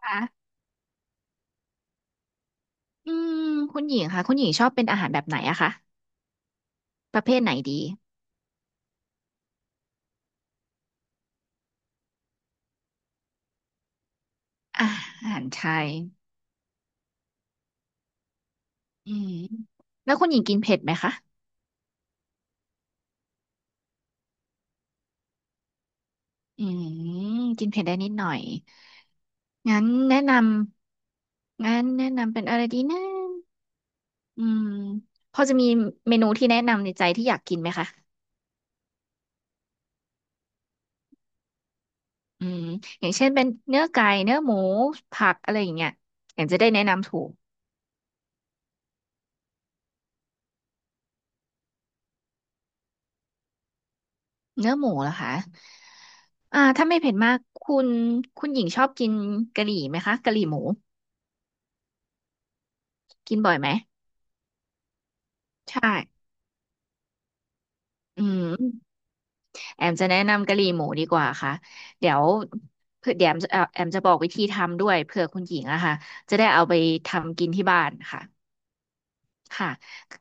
ค่ะอืมคุณหญิงค่ะคุณหญิงชอบเป็นอาหารแบบไหนอะคะประเภทไหนดีอาหารไทยอืมแล้วคุณหญิงกินเผ็ดไหมคะอืมกินเผ็ดได้นิดหน่อยงั้นแนะนำงั้นแนะนำเป็นอะไรดีนะอืมพอจะมีเมนูที่แนะนำในใจที่อยากกินไหมคะอืมอย่างเช่นเป็นเนื้อไก่เนื้อหมูผักอะไรอย่างเงี้ยอย่างจะได้แนะนำถูก เนื้อหมูเหรอคะอ่าถ้าไม่เผ็ดมากคุณหญิงชอบกินกะหรี่ไหมคะกะหรี่หมูกินบ่อยไหม ใช่อืมแอมจะแนะนำกะหรี่หมูดีกว่าค่ะเดี๋ยวเผื่อเดี๋ยวแอมจะแอมจะบอกวิธีทำด้วยเผื่อคุณหญิงอะค่ะจะได้เอาไปทำกินที่บ้านค่ะ ค่ะ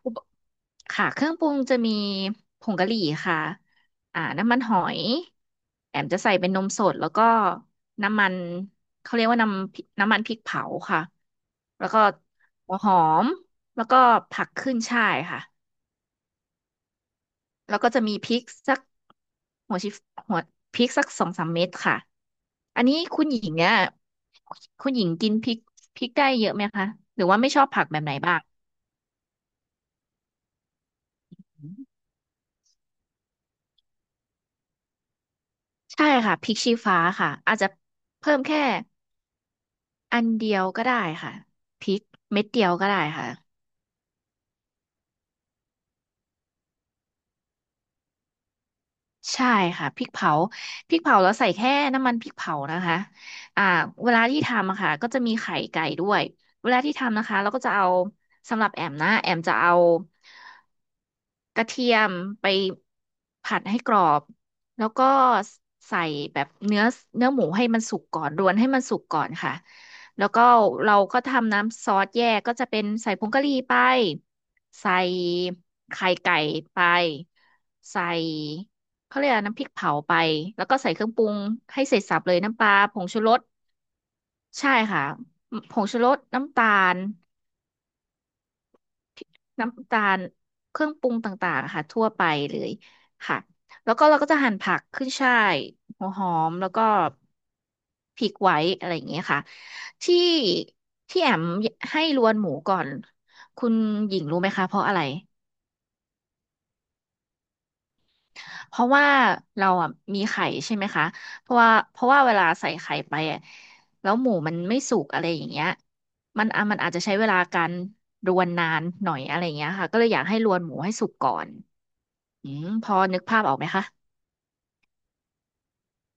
อุปค่ะ เครื่องปรุงจะมีผงกะหรี่ค่ะอ่าน้ำมันหอย แอมจะใส่เป็นนมสด แล้วก็น้ำมัน เขาเรียกว่าน้ำมันพริกเผาค่ะ แล้วก็หัวหอม แล้วก็ผักขึ้นฉ่ายค่ะ แล้วก็จะมีพริกสักหัวชิหัวพริกสักสองสามเม็ดค่ะ อันนี้คุณหญิงเนี่ยคุณหญิงกินพริกได้เยอะไหมคะ หรือว่าไม่ชอบผักแบบไหนบ้าง ใช่ค่ะพริกชี้ฟ้าค่ะอาจจะเพิ่มแค่อันเดียวก็ได้ค่ะพริกเม็ดเดียวก็ได้ค่ะใช่ค่ะพริกเผาพริกเผาแล้วใส่แค่น้ำมันพริกเผานะคะอ่าเวลาที่ทำอะค่ะก็จะมีไข่ไก่ด้วยเวลาที่ทำนะคะเราก็จะเอาสำหรับแอมนะแอมจะเอา กระเทียมไปผัดให้กรอบแล้วก็ใส่แบบเนื้อหมูให้มันสุกก่อนรวนให้มันสุกก่อนค่ะแล้วก็เราก็ทำน้ำซอสแยกก็จะเป็นใส่ผงกะหรี่ไปใส่ไข่ไก่ไปใส่เขาเรียกอะไรน้ำพริกเผาไปแล้วก็ใส่เครื่องปรุงให้เสร็จสรรพเลยน้ำปลาผงชูรสใช่ค่ะผงชูรสน้ำตาล น้ำตาลเครื่องปรุงต่างๆอะค่ะทั่วไปเลยค่ะแล้วก็เราก็จะหั่นผักขึ้นฉ่ายหัวหอมแล้วก็พริกไว้อะไรอย่างเงี้ยค่ะที่ที่แอมให้รวนหมูก่อนคุณหญิงรู้ไหมคะเพราะอะไรเพราะว่าเราอ่ะมีไข่ใช่ไหมคะเพราะว่าเวลาใส่ไข่ไปอะแล้วหมูมันไม่สุกอะไรอย่างเงี้ยมันอ่ะมันอาจจะใช้เวลาการรวนนานหน่อยอะไรอย่างเงี้ยค่ะก็เลยอยากให้รวนหมูให้สุกก่อน อืมพอนึกภาพออกไหมคะ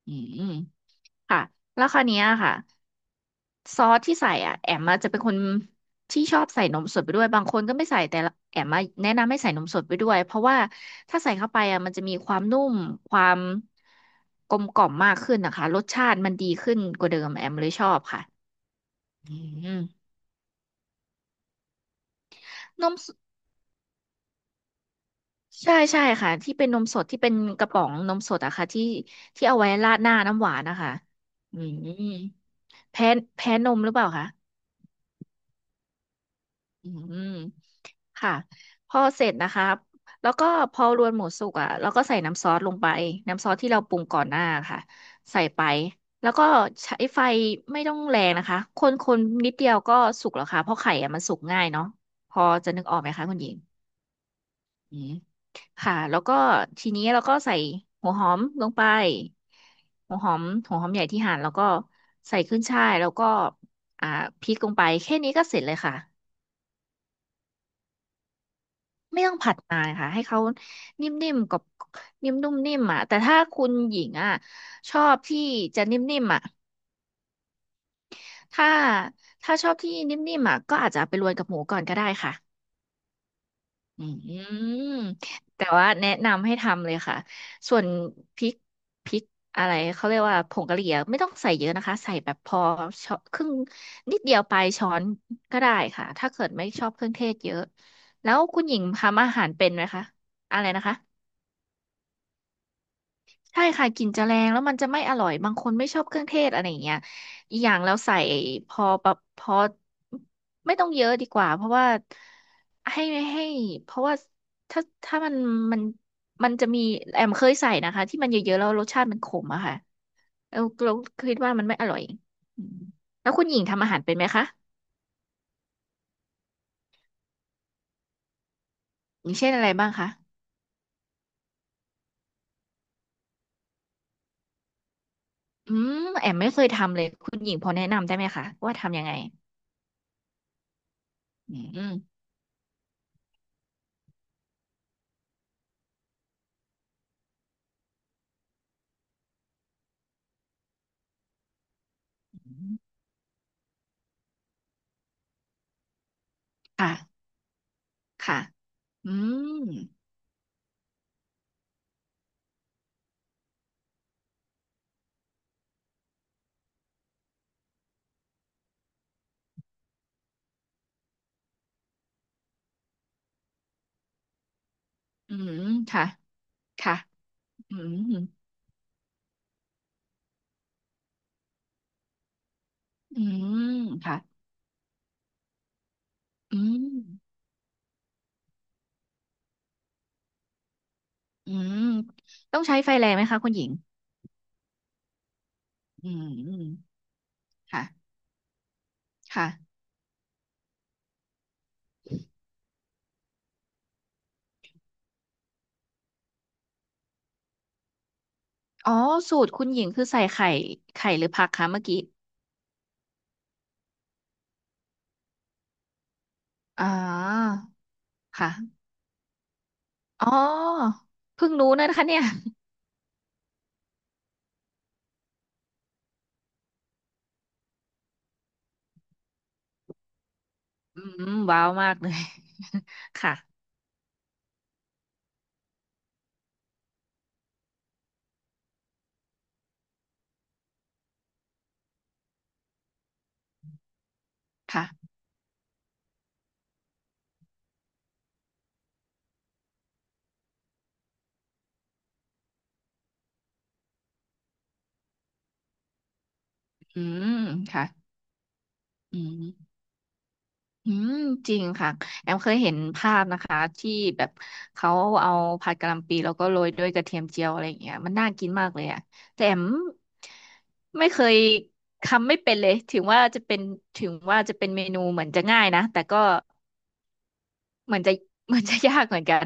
อืมค่ะแล้วคราวเนี้ยค่ะซอสที่ใส่อ่ะแอมมาจะเป็นคนที่ชอบใส่นมสดไปด้วยบางคนก็ไม่ใส่แต่ละแอมมาแนะนำให้ใส่นมสดไปด้วยเพราะว่าถ้าใส่เข้าไปอ่ะมันจะมีความนุ่มความกลมกล่อมมากขึ้นนะคะรสชาติมันดีขึ้นกว่าเดิมแอมเลยชอบค่ะอืมนมสใช่ใช่ค่ะที่เป็นนมสดที่เป็นกระป๋องนมสดอะค่ะที่เอาไว้ราดหน้าน้ำหวานนะคะอืมแพ้แพ้นมหรือเปล่าคะ อืมค่ะพอเสร็จนะคะแล้วก็พอรวนหมูสุกอ่ะเราก็ใส่น้ำซอสลงไปน้ำซอสที่เราปรุงก่อนหน้าค่ะใส่ไปแล้วก็ใช้ไฟไม่ต้องแรงนะคะคนนิดเดียวก็สุกแล้วค่ะเพราะไข่อ่ะมันสุกง่ายเนาะพอจะนึกออกไหมคะคุณหญิงอืมค่ะแล้วก็ทีนี้เราก็ใส่หัวหอมลงไปหัวหอมใหญ่ที่หั่นแล้วก็ใส่ขึ้นฉ่ายแล้วก็อ่าพริกลงไปแค่นี้ก็เสร็จเลยค่ะ ไม่ต้องผัดนานค่ะให้เขานิ่มๆกับนิ่มนุ่มนิ่มอ่ะแต่ถ้าคุณหญิงอ่ะชอบที่จะนิ่มๆอ่ะถ้าถ้าชอบที่นิ่มๆอ่ะก็อาจจะเอาไปรวนกับหมูก่อนก็ได้ค่ะอืมแต่ว่าแนะนำให้ทำเลยค่ะส่วนพริกพริกอะไรเขาเรียกว่าผงกะหรี่อะไม่ต้องใส่เยอะนะคะใส่แบบพอช้อนครึ่งนิดเดียวปลายช้อนก็ได้ค่ะถ้าเกิดไม่ชอบเครื่องเทศเยอะแล้วคุณหญิงทำอาหารเป็นไหมคะอะไรนะคะ ใช่ค่ะกลิ่นจะแรงแล้วมันจะไม่อร่อยบางคนไม่ชอบเครื่องเทศอะไรอย่างเงี้ยอีกอย่างแล้วใส่พอแบบพอไม่ต้องเยอะดีกว่าเพราะว่าให้ให้เพราะว่าถ้าถ้ามันมันมันจะมีแอมเคยใส่นะคะที่มันเยอะๆแล้วรสชาติมันขมอะค่ะแล้วเราคิดว่ามันไม่อร่อยอืมแล้วคุณหญิงทำอาหารเป็นไหมคะอย่างเช่นอะไรบ้างคะอืมแอมไม่เคยทำเลยคุณหญิงพอแนะนำได้ไหมคะว่าทำยังไงอืมค่ะ ค่ะอืมอืมค่ะค่ะอืมอืมค่ะอืมอืมต้องใช้ไฟแรงไหมคะคุณหญิงอืมค่ะค่ะอ๋อสูตรคุณหญิงคือใส่ไข่ไข่หรือผักคะเมื่อกี้ อ๋อค่ะอ๋อเพิ่งรู้นะคะเนี่ยอืมว้าวมากเลย ค่ะค่ะอืมค่ะอืม อืมจริงค่ะแอมเคยเห็นภาพนะคะที่แบบเขาเอาผัดกะหล่ำปีแล้วก็โรยด้วยกระเทียมเจียวอะไรอย่างเงี้ยมันน่ากินมากเลยอะแต่แอมไม่เคยทำไม่เป็นเลยถึงว่าจะเป็นถึงว่าจะเป็นเมนูเหมือนจะง่ายนะแต่ก็เหมือนจะ เหมือนจะยากเหมือนกัน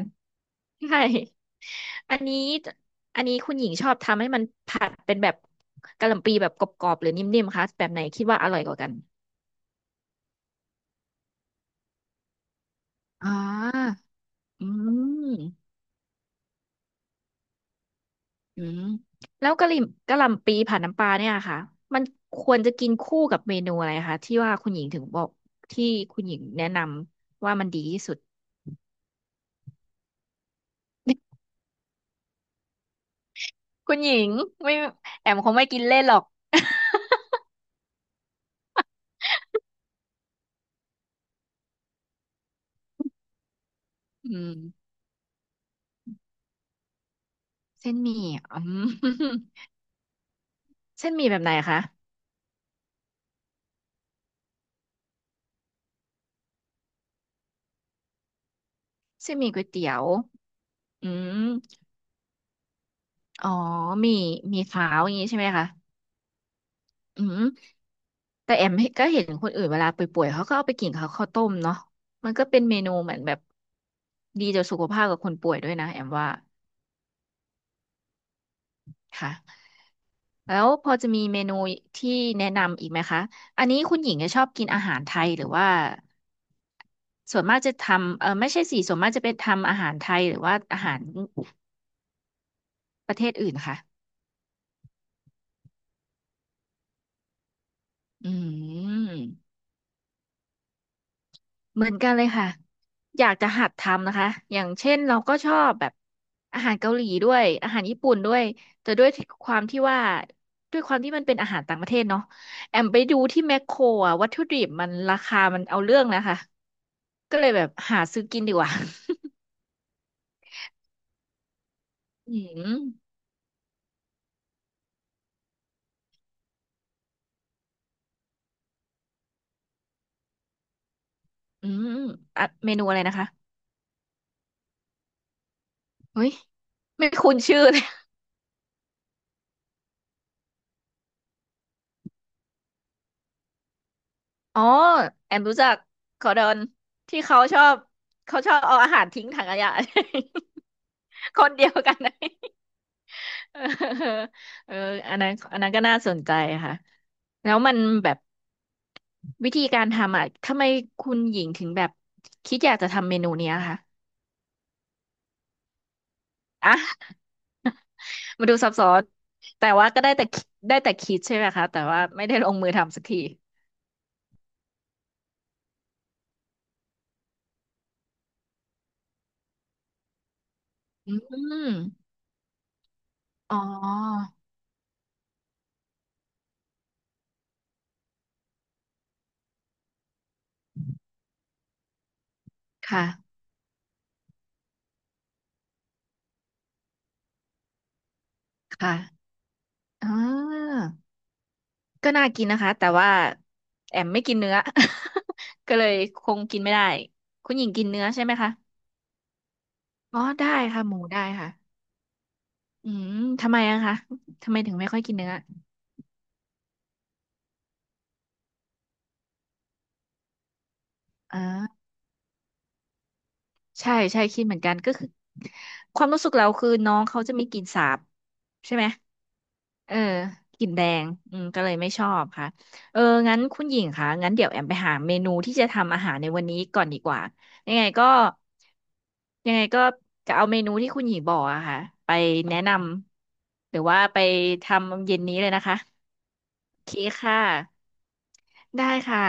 ใช่อันนี้อันนี้คุณหญิงชอบทำให้มันผัดเป็นแบบกะหล่ำปีแบบกรอบๆหรือนิ่มๆคะแบบไหนคิดว่าอร่อยกว่ากันอ่าอืม อืมแล้วกะหรี่กะหล่ำปีผัดน้ำปลาเนี่ยค่ะมันควรจะกินคู่กับเมนูอะไรคะที่ว่าคุณหญิงถึงบอกที่คุณหญิงแนะนำว่ามันดีที่สุด คุณหญิงไม่แอมคงไม่กินเล่นหรอก อืมเส้นหมี่อืม เส้นหมี่แบบไหนคะเส้นหมี่ก๋วยเตี๋ยวอืมอ๋อหมี่หมี่ขาวอย่างนี้ใช่ไหมคะ อืมแต่แอมก็เห็นคนอื่นเวลาป่วยๆเขาก็เอาไปกินเข้าวข้าวต้มเนาะมันก็เป็นเมนูเหมือนแบบดีต่อสุขภาพกับคนป่วยด้วยนะแอมว่าค่ะแล้วพอจะมีเมนูที่แนะนำอีกไหมคะอันนี้คุณหญิงจะชอบกินอาหารไทยหรือว่าส่วนมากจะทำเออไม่ใช่สิส่วนมากจะเป็นทำอาหารไทยหรือว่าอาหารประเทศอื่นค่ะอืม เหมือนกันเลยค่ะอยากจะหัดทำนะคะอย่างเช่นเราก็ชอบแบบอาหารเกาหลีด้วยอาหารญี่ปุ่นด้วยแต่ความที่ว่าด้วยความที่มันเป็นอาหารต่างประเทศเนาะแอมไปดูที่แมคโครอะวัตถุดิบมันราคามันเอาเรื่องนะคะก็เลยแบบหาซื้อกินดีกว่า อืมอืมอะเมนูอะไรนะคะเฮ้ยไม่คุ้นชื่อเลยอ๋อแอมรู้จักคอร์ดอนที่เขาชอบเอาอาหารทิ้งถังขยะ คนเดียวกันนะ เออเอออันนั้นก็น่าสนใจค่ะแล้วมันแบบวิธีการทำอ่ะทำไมคุณหญิงถึงแบบคิดอยากจะทำเมนูเนี้ยคะอ่ะ มาดูซับซ้อนแต่ว่าก็ได้แต่คิดใช่ไหมคะแต่ว่าไม่ได้ลงมือทำสักทีอืมอ๋อค่ะค่ะอ่าก็น่ากินนะคะ แต่ว่าแอมไม่กินเนื้อ ก็เลยคงกินไม่ได้ คุณหญิงกินเนื้อใช่ไหมคะอ๋อได้ค่ะ หมูได้ค่ะ อืมทำไมอะคะทำไมถึงไม่ค่อยกินเนื้ออ่าใช่ใช่คิดเหมือนกันก็คือความรู้สึกเราคือน้องเขาจะมีกลิ่นสาบใช่ไหมเออกลิ่นแดงอืมก็เลยไม่ชอบค่ะเอองั้นคุณหญิงคะงั้นเดี๋ยวแอมไปหาเมนูที่จะทำอาหารในวันนี้ก่อนดีกว่ายังไงก็ยังไงก็จะเอาเมนูที่คุณหญิงบอกอะค่ะไปแนะนำหรือว่าไปทำเย็นนี้เลยนะคะโอเคค่ะได้ค่ะ